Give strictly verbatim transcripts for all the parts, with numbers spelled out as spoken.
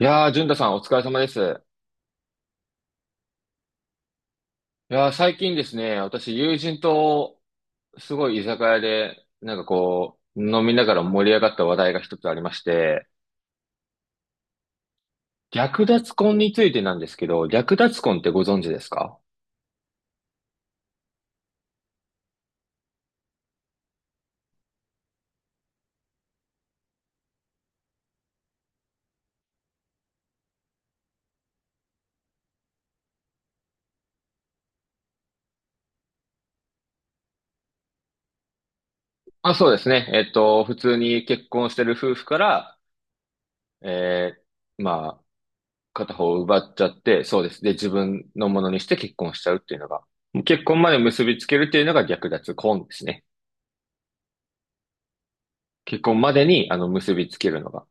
いやー、淳太さんお疲れ様です。いやー、最近ですね、私友人とすごい居酒屋で、なんかこう、飲みながら盛り上がった話題が一つありまして、略奪婚についてなんですけど、略奪婚ってご存知ですか？あ、そうですね。えっと、普通に結婚してる夫婦から、えー、まあ、片方を奪っちゃって、そうです。で、自分のものにして結婚しちゃうっていうのが、結婚まで結びつけるっていうのが略奪婚ですね。結婚までに、あの、結びつけるのが。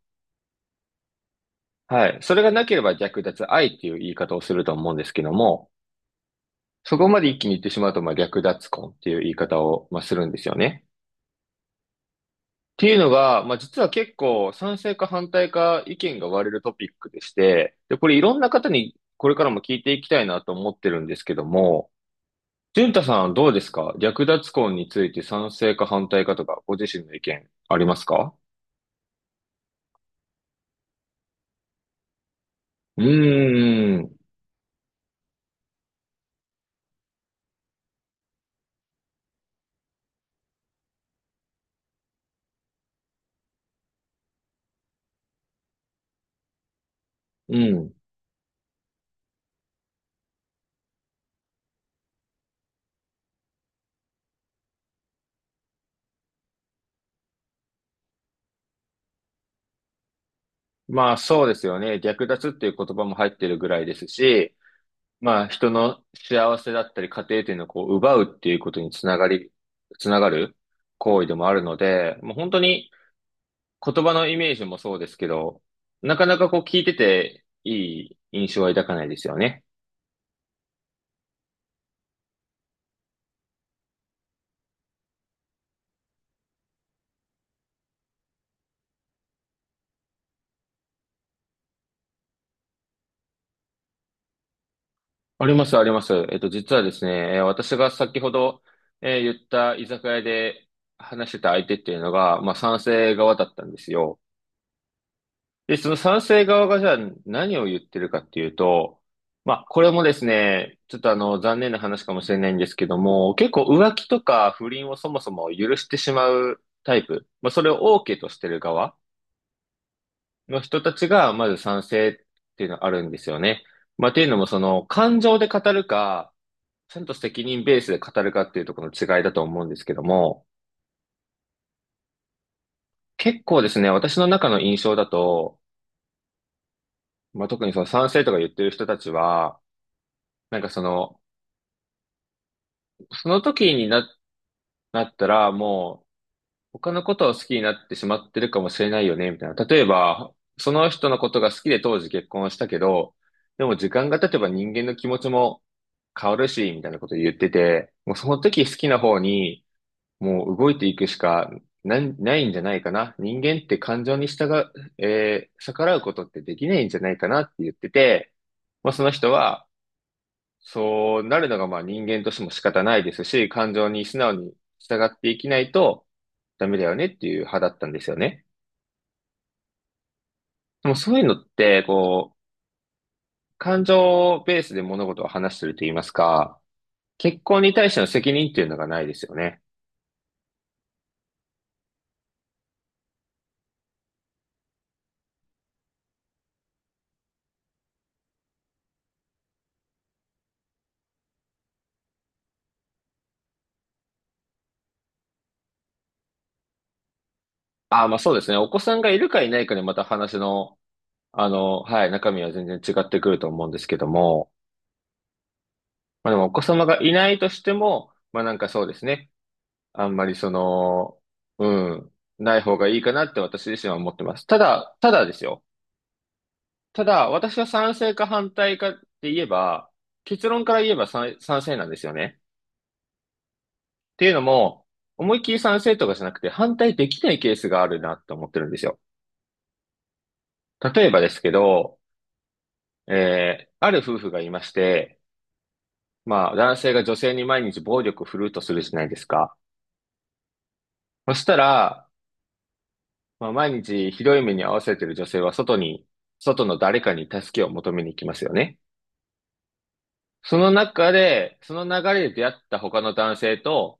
はい。それがなければ略奪愛っていう言い方をすると思うんですけども、そこまで一気に言ってしまうと、まあ、略奪婚っていう言い方を、まあ、するんですよね。っていうのが、まあ、実は結構賛成か反対か意見が割れるトピックでして、で、これいろんな方にこれからも聞いていきたいなと思ってるんですけども、淳太さんどうですか略奪婚について賛成か反対かとか、ご自身の意見ありますか？うーん、うん。まあそうですよね。略奪っていう言葉も入ってるぐらいですし、まあ、人の幸せだったり、家庭っていうのをこう、奪うっていうことにつながり、つながる行為でもあるので、もう本当に言葉のイメージもそうですけど、なかなかこう聞いてていい印象は抱かないですよね。あります、あります。えっと、実はですね、えー私が先ほど、えー言った居酒屋で話してた相手っていうのが、まあ、賛成側だったんですよ。で、その賛成側がじゃあ何を言ってるかっていうと、まあ、これもですね、ちょっとあの、残念な話かもしれないんですけども、結構浮気とか不倫をそもそも許してしまうタイプ、まあ、それを オーケー としてる側の人たちが、まず賛成っていうのがあるんですよね。まあ、っていうのも、その、感情で語るか、ちゃんと責任ベースで語るかっていうところの違いだと思うんですけども、結構ですね、私の中の印象だと、まあ、特にその賛成とか言ってる人たちは、なんかその、その時にな、なったら、もう、他のことを好きになってしまってるかもしれないよね、みたいな。例えば、その人のことが好きで当時結婚したけど、でも時間が経てば人間の気持ちも変わるし、みたいなこと言ってて、もうその時好きな方に、もう動いていくしかな、ないんじゃないかな。人間って感情に従う、えー逆らうことってできないんじゃないかなって言ってて、まあ、その人は、そうなるのがまあ人間としても仕方ないですし、感情に素直に従っていきないとダメだよねっていう派だったんですよね。でもそういうのって、こう、感情ベースで物事を話してると言いますか、結婚に対しての責任っていうのがないですよね。ああ、まあそうですね。お子さんがいるかいないかでまた話の、あの、はい、中身は全然違ってくると思うんですけども、まあでもお子様がいないとしても、まあなんかそうですね。あんまりその、うん、ない方がいいかなって私自身は思ってます。ただ、ただですよ。ただ、私は賛成か反対かって言えば、結論から言えば賛、賛成なんですよね。っていうのも、思いっきり賛成とかじゃなくて反対できないケースがあるなって思ってるんですよ。例えばですけど、えー、ある夫婦がいまして、まあ、男性が女性に毎日暴力を振るうとするじゃないですか。そしたら、まあ、毎日ひどい目に遭わせている女性は外に、外の誰かに助けを求めに行きますよね。その中で、その流れで出会った他の男性と、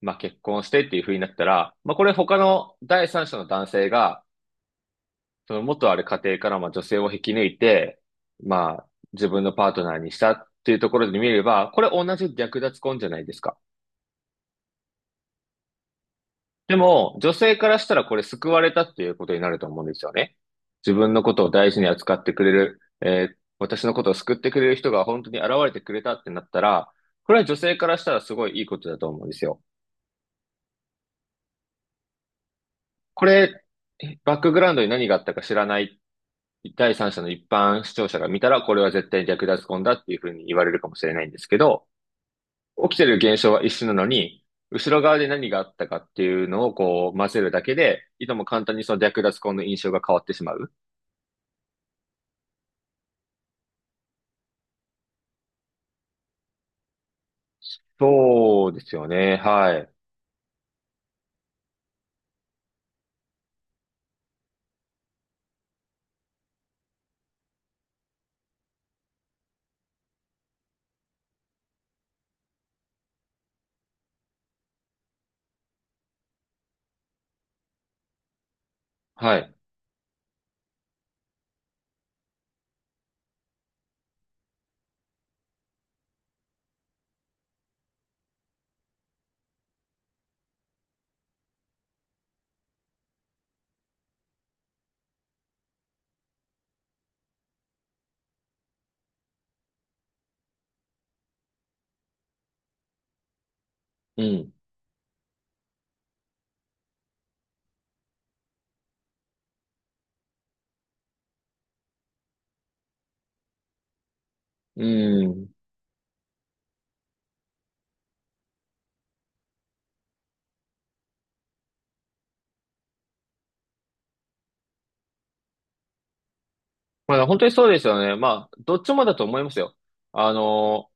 まあ、結婚してっていう風になったら、まあ、これ他の第三者の男性が、その元ある家庭からまあ女性を引き抜いて、まあ、自分のパートナーにしたっていうところで見れば、これ同じ略奪婚じゃないですか。でも、女性からしたらこれ救われたっていうことになると思うんですよね。自分のことを大事に扱ってくれる、えー私のことを救ってくれる人が本当に現れてくれたってなったら、これは女性からしたらすごいいいことだと思うんですよ。これ、バックグラウンドに何があったか知らない第三者の一般視聴者が見たら、これは絶対に略奪婚だっていうふうに言われるかもしれないんですけど、起きてる現象は一緒なのに、後ろ側で何があったかっていうのをこう混ぜるだけで、いとも簡単にその略奪婚の印象が変わってしまう。そうですよね。はい。はい。うん。うん。まあ、本当にそうですよね。まあ、どっちもだと思いますよ。あの、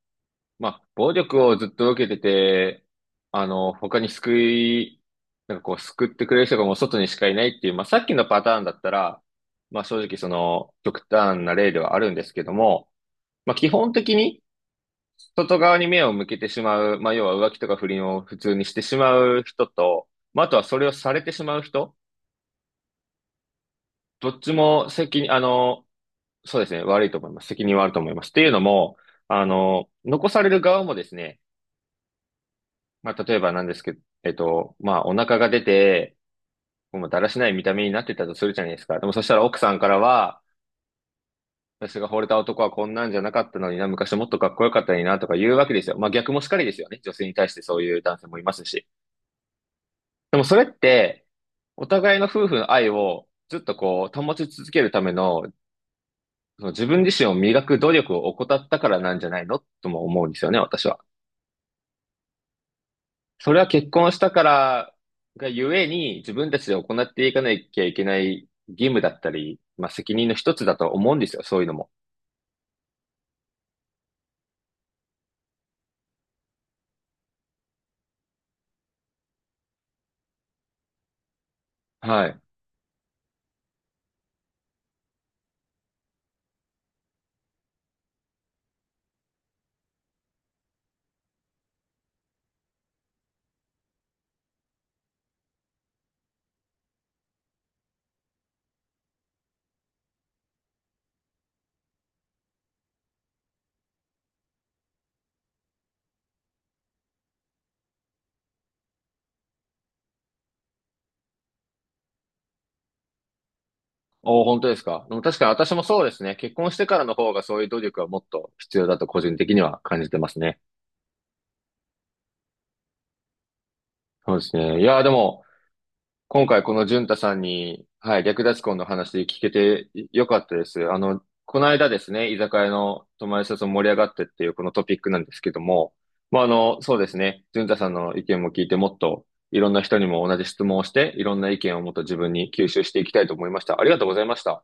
まあ、暴力をずっと受けてて、あの、他に救い、なんかこう、救ってくれる人がもう外にしかいないっていう、まあ、さっきのパターンだったら、まあ、正直その、極端な例ではあるんですけども、まあ、基本的に、外側に目を向けてしまう、まあ、要は浮気とか不倫を普通にしてしまう人と、まあ、あとはそれをされてしまう人、どっちも責任、あの、そうですね、悪いと思います。責任はあると思います。っていうのも、あの、残される側もですね、まあ、例えばなんですけど、えっと、まあ、お腹が出て、もうだらしない見た目になってたとするじゃないですか。でもそしたら奥さんからは、私が惚れた男はこんなんじゃなかったのにな、昔もっとかっこよかったのにな、とか言うわけですよ。まあ、逆もしかりですよね。女性に対してそういう男性もいますし。でもそれって、お互いの夫婦の愛をずっとこう、保ち続けるためのその自分自身を磨く努力を怠ったからなんじゃないのとも思うんですよね、私は。それは結婚したからがゆえに自分たちで行っていかなきゃいけない義務だったり、まあ責任の一つだと思うんですよ、そういうのも。はい。おー、本当ですか。でも確かに私もそうですね。結婚してからの方がそういう努力はもっと必要だと個人的には感じてますね。そうですね。いやー、でも、今回この淳太さんに、はい、略奪婚の話聞けてよかったです。あの、この間ですね、居酒屋の友達と盛り上がってっていうこのトピックなんですけども、まあ、あの、そうですね、淳太さんの意見も聞いてもっといろんな人にも同じ質問をして、いろんな意見をもっと自分に吸収していきたいと思いました。ありがとうございました。